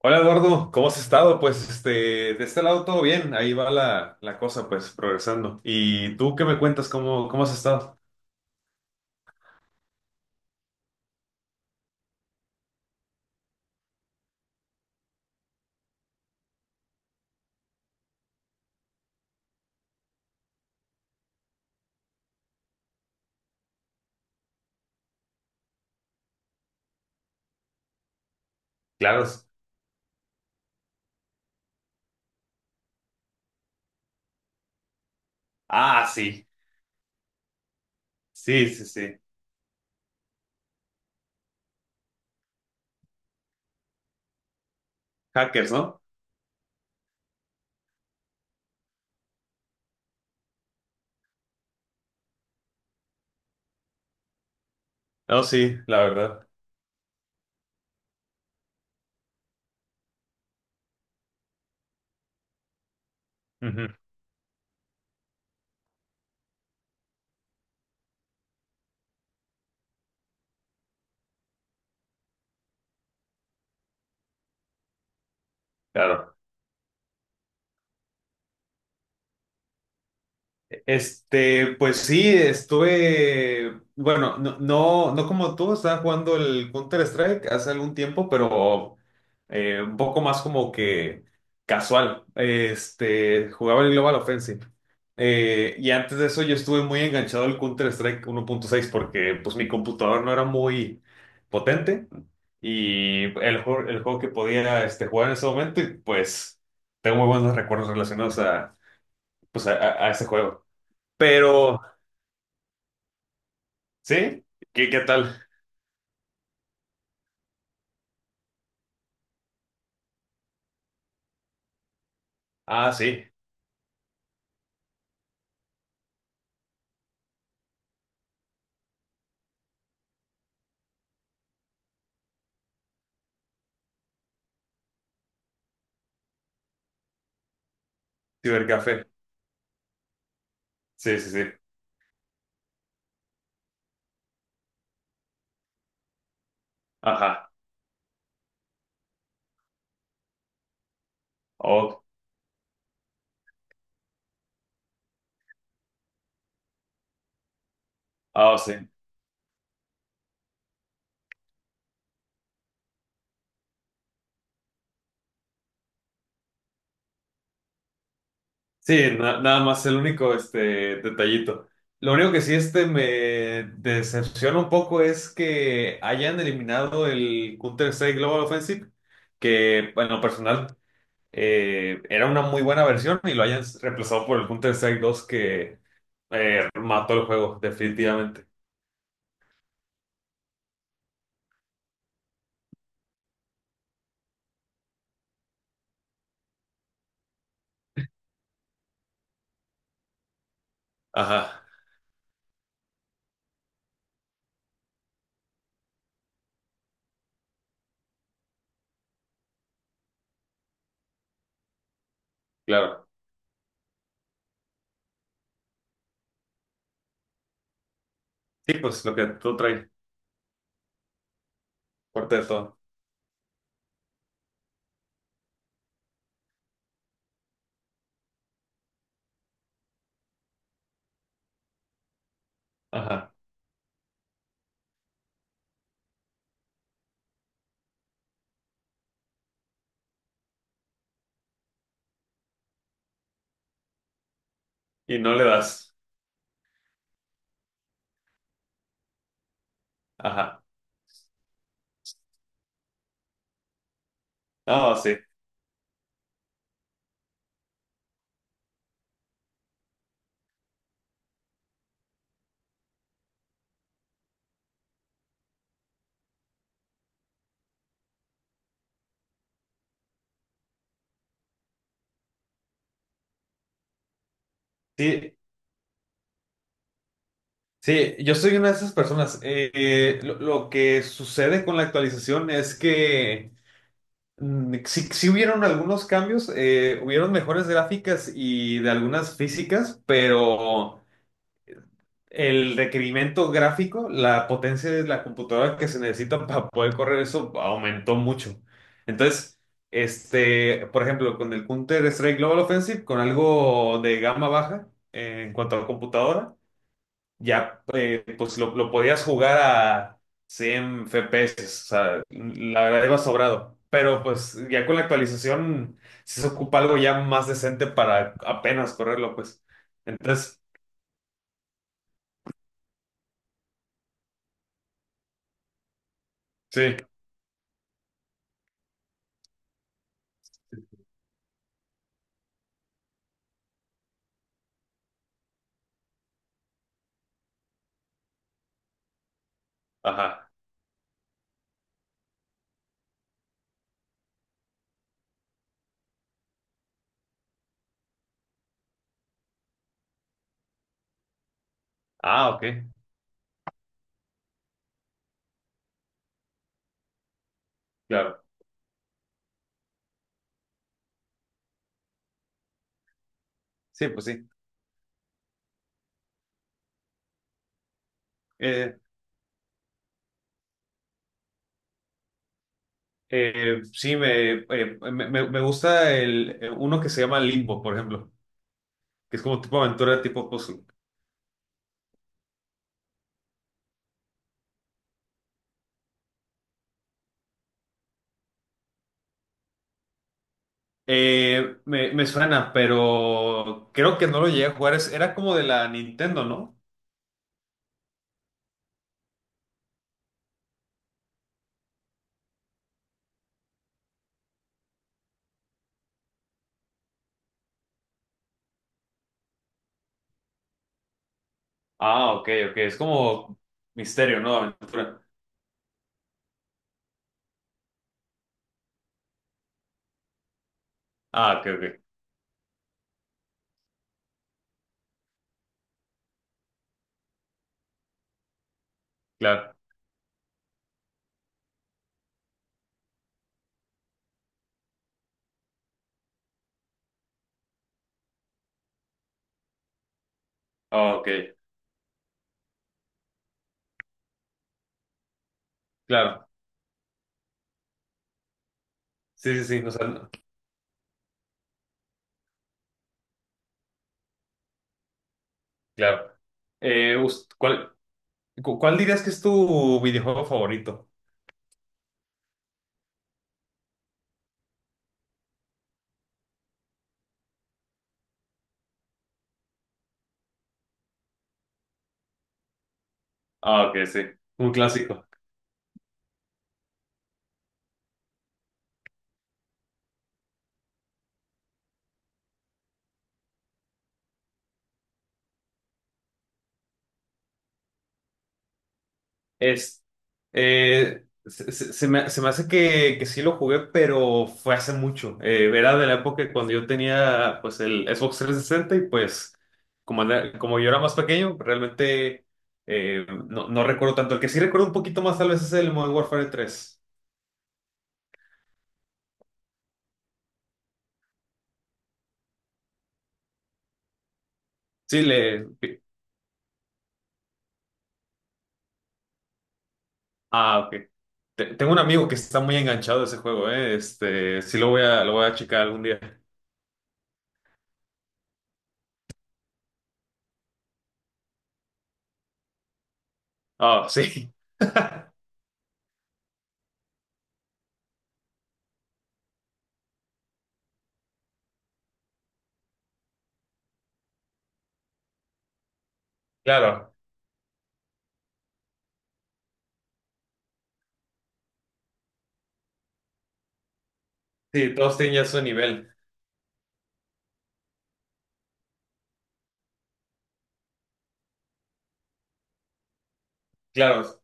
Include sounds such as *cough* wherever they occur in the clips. Hola Eduardo, ¿cómo has estado? Pues de este lado todo bien, ahí va la cosa, pues progresando. ¿Y tú qué me cuentas? ¿Cómo has estado? Claro. Ah, sí, sí, sí, sí. Hackers, ¿no? No, sí, la verdad. Ujú. Claro. Pues sí, estuve, bueno, no, no, no como tú, estaba jugando el Counter-Strike hace algún tiempo, pero un poco más como que casual. Jugaba el Global Offensive. Y antes de eso yo estuve muy enganchado al Counter-Strike 1.6 porque pues mi computador no era muy potente y el juego que podía jugar en ese momento y pues tengo muy buenos recuerdos relacionados a, pues, a ese juego. Pero, ¿sí? ¿Qué tal? Ah, sí, cibercafé. Sí, sí, sí. Ajá. Oh, ah, sí. Sí, nada más el único este detallito. Lo único que sí me decepciona un poco es que hayan eliminado el Counter-Strike Global Offensive, que en lo personal era una muy buena versión y lo hayan reemplazado por el Counter-Strike 2 que mató el juego definitivamente. Ajá, claro. Sí, pues lo que tú traes, fuerte de todo. Ajá. Y no le das. Ajá. No, sí. Sí, sí, yo soy una de esas personas. Lo que sucede con la actualización es que sí, sí hubieron algunos cambios, hubieron mejores gráficas y de algunas físicas, pero el requerimiento gráfico, la potencia de la computadora que se necesita para poder correr eso aumentó mucho. Entonces, por ejemplo, con el Counter-Strike Global Offensive, con algo de gama baja en cuanto a computadora, ya pues lo podías jugar a 100 FPS. O sea, la verdad iba sobrado. Pero pues ya con la actualización sí se ocupa algo ya más decente para apenas correrlo, pues. Entonces, sí. Ajá. Ah, ok, claro. Sí, pues sí. Eh, sí, me gusta uno que se llama Limbo, por ejemplo, que es como tipo aventura, tipo puzzle. Me suena, pero creo que no lo llegué a jugar. Era como de la Nintendo, ¿no? Ah, ok, ok. Es como misterio, ¿no? Aventura. Ah, ok, ok. Claro. Ah, ok, claro. Sí, sí, sí. No, o sea, no, claro. Eh, us- ¿cuál, cuál dirías que es tu videojuego favorito? Ah, ok, sí. Un clásico. Es, se me hace que sí lo jugué, pero fue hace mucho. Era de la época cuando yo tenía pues el Xbox 360 y pues como yo era más pequeño, realmente no recuerdo tanto. El que sí recuerdo un poquito más tal vez es el Modern Warfare 3. Sí, le... Ah, ok. Tengo un amigo que está muy enganchado a ese juego, ¿eh? Sí lo voy a checar algún día. Ah, sí, *laughs* claro. Sí, todos tienen ya su nivel. Claro,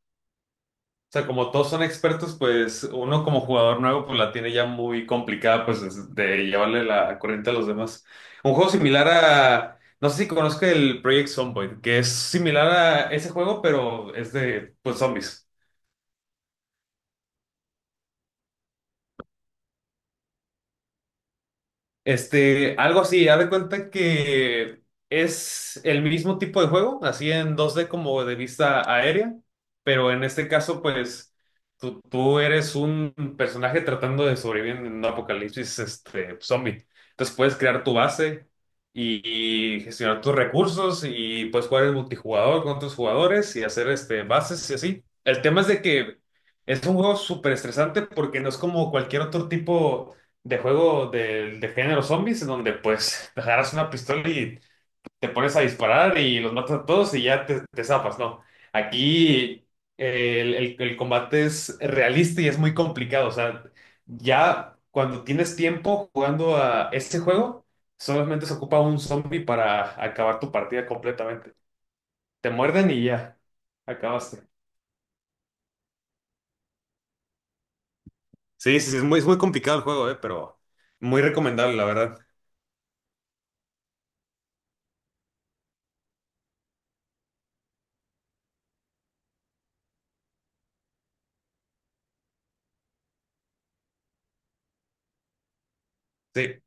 o sea, como todos son expertos, pues uno como jugador nuevo pues la tiene ya muy complicada pues de llevarle la corriente a los demás. Un juego similar a, no sé si conozco el Project Zomboid, que es similar a ese juego, pero es de pues zombies. Algo así, haz de cuenta que es el mismo tipo de juego, así en 2D como de vista aérea, pero en este caso, pues, tú eres un personaje tratando de sobrevivir en un apocalipsis zombie. Entonces puedes crear tu base y gestionar tus recursos y puedes jugar en multijugador con tus jugadores y hacer bases y así. El tema es de que es un juego súper estresante porque no es como cualquier otro tipo de juego de género zombies, en donde pues *laughs* te agarras una pistola y te pones a disparar y los matas a todos y ya te zapas, ¿no? Aquí el combate es realista y es muy complicado, o sea, ya cuando tienes tiempo jugando a este juego, solamente se ocupa un zombie para acabar tu partida completamente. Te muerden y ya, acabaste. Sí, sí, sí, es muy complicado el juego, pero muy recomendable, la verdad. Sí,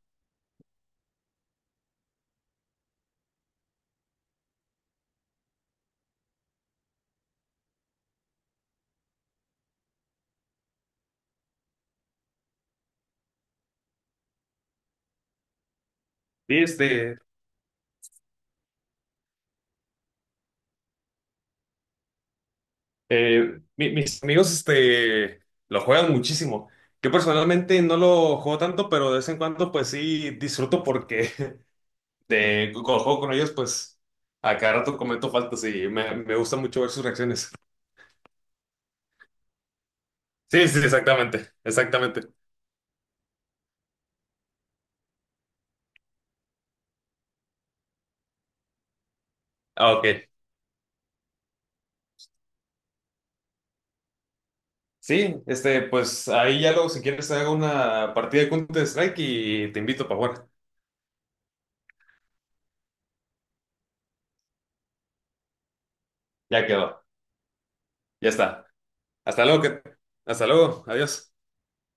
sí, mis amigos lo juegan muchísimo. Yo personalmente no lo juego tanto, pero de vez en cuando pues sí disfruto porque *laughs* cuando juego con ellos pues a cada rato cometo faltas y me gusta mucho ver sus reacciones. Sí, sí, exactamente, exactamente. Ah, ok. Sí, pues ahí ya luego si quieres hago una partida de Counter Strike y te invito para jugar. Ya quedó, ya está. Hasta luego, hasta luego, adiós.